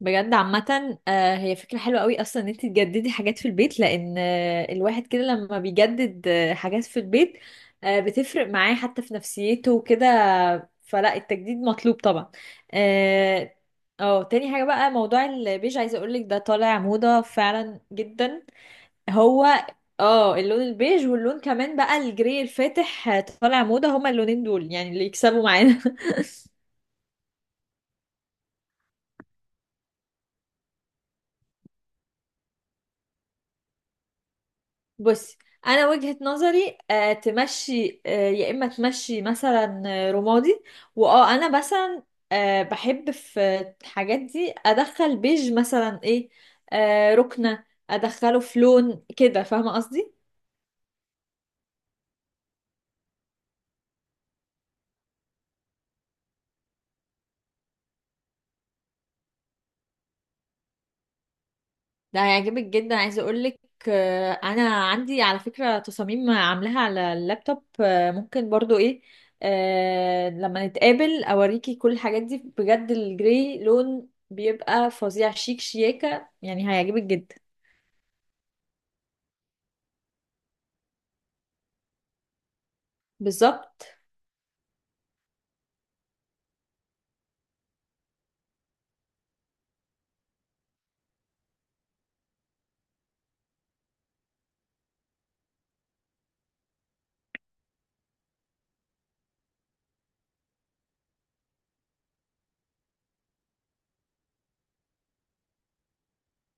بجد عامة، هي فكرة حلوة قوي أصلا إن أنت تجددي حاجات في البيت، لأن الواحد كده لما بيجدد حاجات في البيت بتفرق معاه حتى في نفسيته وكده. فلا، التجديد مطلوب طبعا. اه. تاني حاجة بقى موضوع البيج، عايزة أقولك ده طالع موضة فعلا جدا. هو. اه، اللون البيج واللون كمان بقى الجري الفاتح طالع موضة، هما اللونين دول يعني اللي يكسبوا معانا. بصي، انا وجهة نظري تمشي، يا اما تمشي مثلا رمادي. واه، انا مثلا بحب في الحاجات دي، ادخل بيج مثلا ايه ركنة، ادخله في لون كده، فاهمة قصدي؟ ده هيعجبك جدا، عايزه اقولك. انا عندي على فكره تصاميم عاملاها على اللابتوب، ممكن برضو ايه. لما نتقابل اوريكي كل الحاجات دي، بجد الجري لون بيبقى فظيع شيك شياكه، يعني هيعجبك جدا. بالظبط.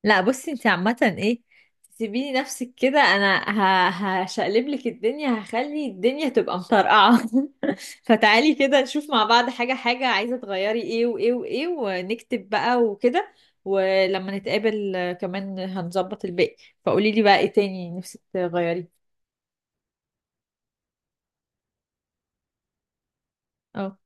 لا، بصي، انت عامة ايه، تسيبيني نفسك كده انا. هشقلب لك الدنيا، هخلي الدنيا تبقى مطرقعة. فتعالي كده، نشوف مع بعض حاجة حاجة عايزة تغيري ايه وايه وايه، ونكتب بقى وكده. ولما نتقابل كمان هنظبط الباقي. فقولي لي بقى ايه تاني نفسك تغيري. اه.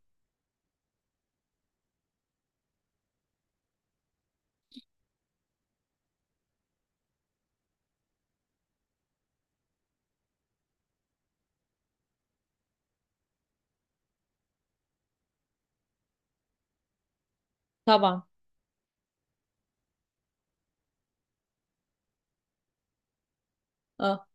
طبعا. اه.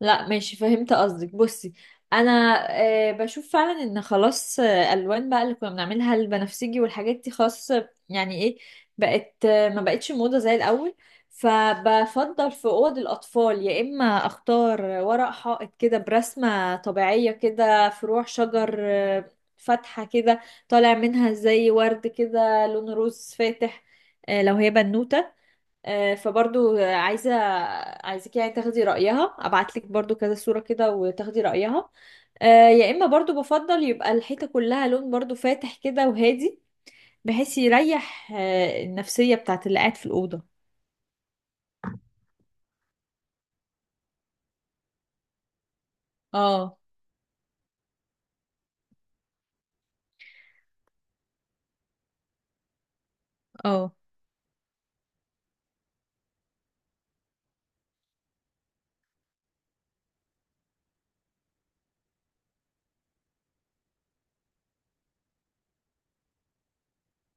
لا، ماشي، فهمت قصدك. بصي، انا بشوف فعلا ان خلاص، الوان بقى اللي كنا بنعملها البنفسجي والحاجات دي خلاص، يعني ايه، بقت ما بقتش موضة زي الاول. فبفضل في اوض الاطفال يا اما اختار ورق حائط كده برسمة طبيعية كده، فروع شجر فاتحة كده، طالع منها زي ورد كده لون روز فاتح، لو هي بنوتة. فبرضو عايزة، عايزك يعني تاخدي رأيها، ابعتلك برضو كذا صورة كده وتاخدي رأيها. يا اما برضو بفضل يبقى الحيطة كلها لون برضو فاتح كده وهادي، بحيث يريح النفسية بتاعت اللي قاعد في الأوضة. اه اه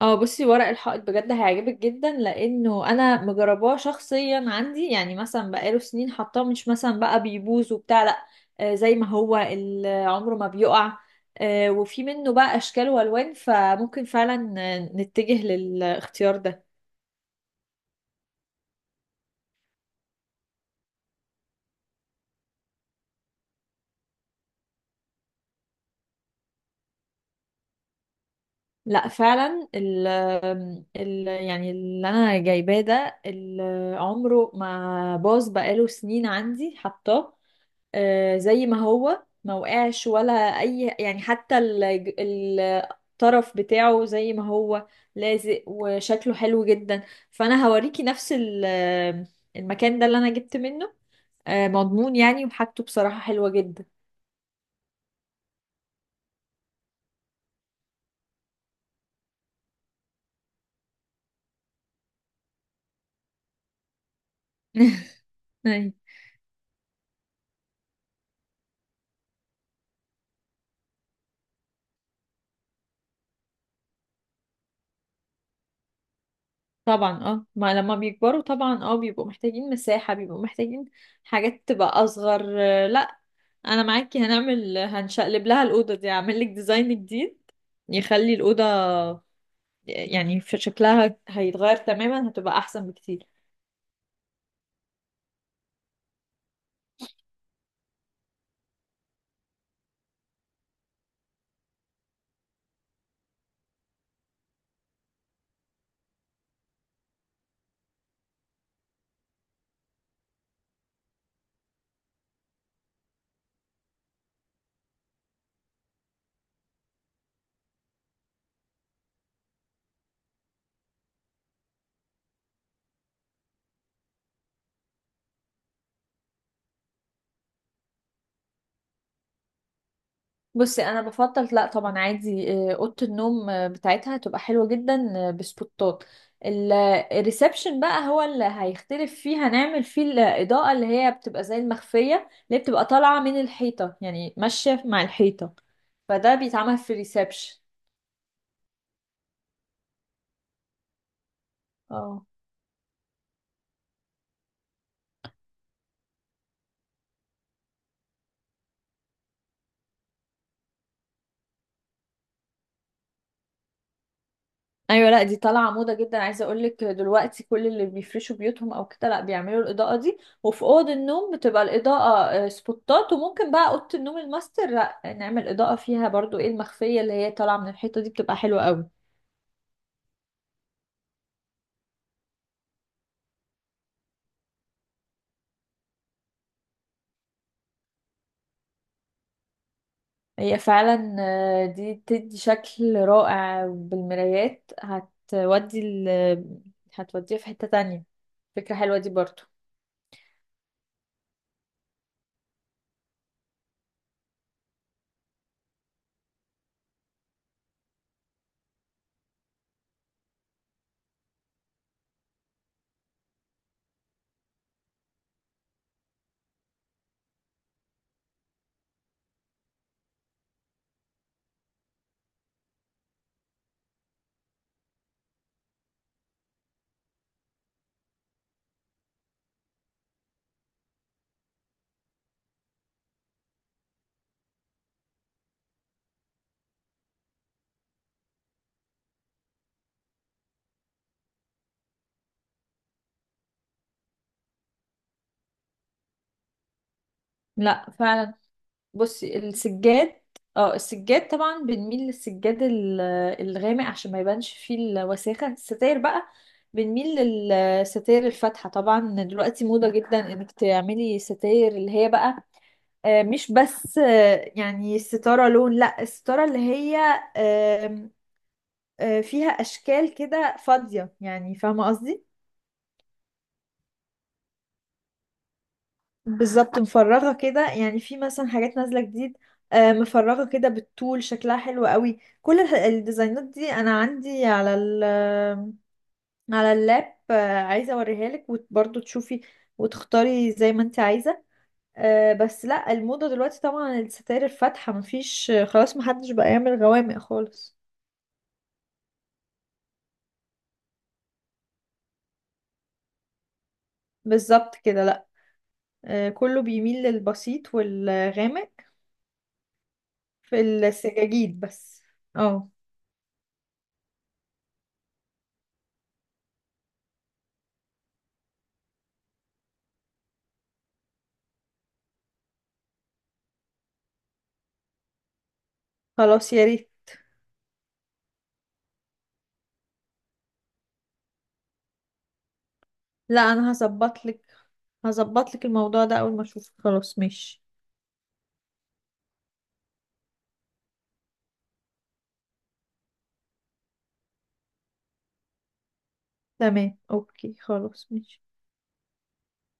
اه. بصي، ورق الحائط بجد هيعجبك جدا، لانه انا مجرباه شخصيا عندي، يعني مثلا بقاله سنين حطاه، مش مثلا بقى بيبوظ وبتاع، لا. زي ما هو عمره ما بيقع. وفي منه بقى اشكال والوان، فممكن فعلا نتجه للاختيار ده. لا فعلا ال ال يعني اللي انا جايباه ده، عمره ما باظ، بقاله سنين عندي حطاه. زي ما هو ما وقعش ولا اي، يعني حتى الطرف بتاعه زي ما هو، لازق وشكله حلو جدا. فانا هوريكي نفس المكان ده اللي انا جبت منه، مضمون يعني، وحاجته بصراحة حلوة جدا. أي. طبعا. اه ما لما بيكبروا طبعا بيبقوا محتاجين مساحة، بيبقوا محتاجين حاجات تبقى اصغر لا، انا معاكي. هنشقلب لها الأوضة دي، هعمل لك ديزاين جديد يخلي الأوضة يعني في شكلها هيتغير تماما، هتبقى احسن بكتير. بصي، انا بفضل، لا طبعا عادي، اوضه النوم بتاعتها هتبقى حلوه جدا بسبوتات. الريسبشن بقى هو اللي هيختلف فيه، هنعمل فيه الاضاءه اللي هي بتبقى زي المخفيه، اللي هي بتبقى طالعه من الحيطه، يعني ماشيه مع الحيطه. فده بيتعمل في الريسبشن. اه. ايوه لا، دي طالعه موضه جدا، عايزه اقول لك دلوقتي كل اللي بيفرشوا بيوتهم او كده، لا بيعملوا الاضاءه دي، وفي اوض النوم بتبقى الاضاءه سبوتات، وممكن بقى اوضه النوم الماستر، لا نعمل اضاءه فيها برضو ايه المخفيه اللي هي طالعه من الحيطه دي، بتبقى حلوه قوي. هي فعلا دي بتدي شكل رائع، بالمرايات هتودي هتوديها في حته تانية. فكره حلوه دي برضو. لا فعلا، بصي السجاد. اه، السجاد طبعا بنميل للسجاد الغامق، عشان ما يبانش فيه الوساخة. الستاير بقى، بنميل للستاير الفاتحة طبعا، دلوقتي موضة جدا انك تعملي ستاير اللي هي بقى مش بس يعني الستارة لون، لا الستارة اللي هي آم، فيها أشكال كده فاضية، يعني فاهمة قصدي؟ بالظبط، مفرغة كده يعني، في مثلا حاجات نازلة جديد. مفرغة كده بالطول، شكلها حلو قوي. كل الديزاينات دي انا عندي على ال على اللاب، عايزة اوريها لك وبرضه تشوفي، وتختاري زي ما انت عايزة. بس لا، الموضة دلوقتي طبعا الستاير الفاتحة، مفيش خلاص محدش بقى يعمل غوامق خالص. بالظبط كده، لا كله بيميل للبسيط والغامق في السجاجيد بس. اه. خلاص، يا ريت. لا، انا هظبط لك الموضوع ده اول ما اشوفك. خلاص ماشي. تمام، اوكي، خلاص ماشي.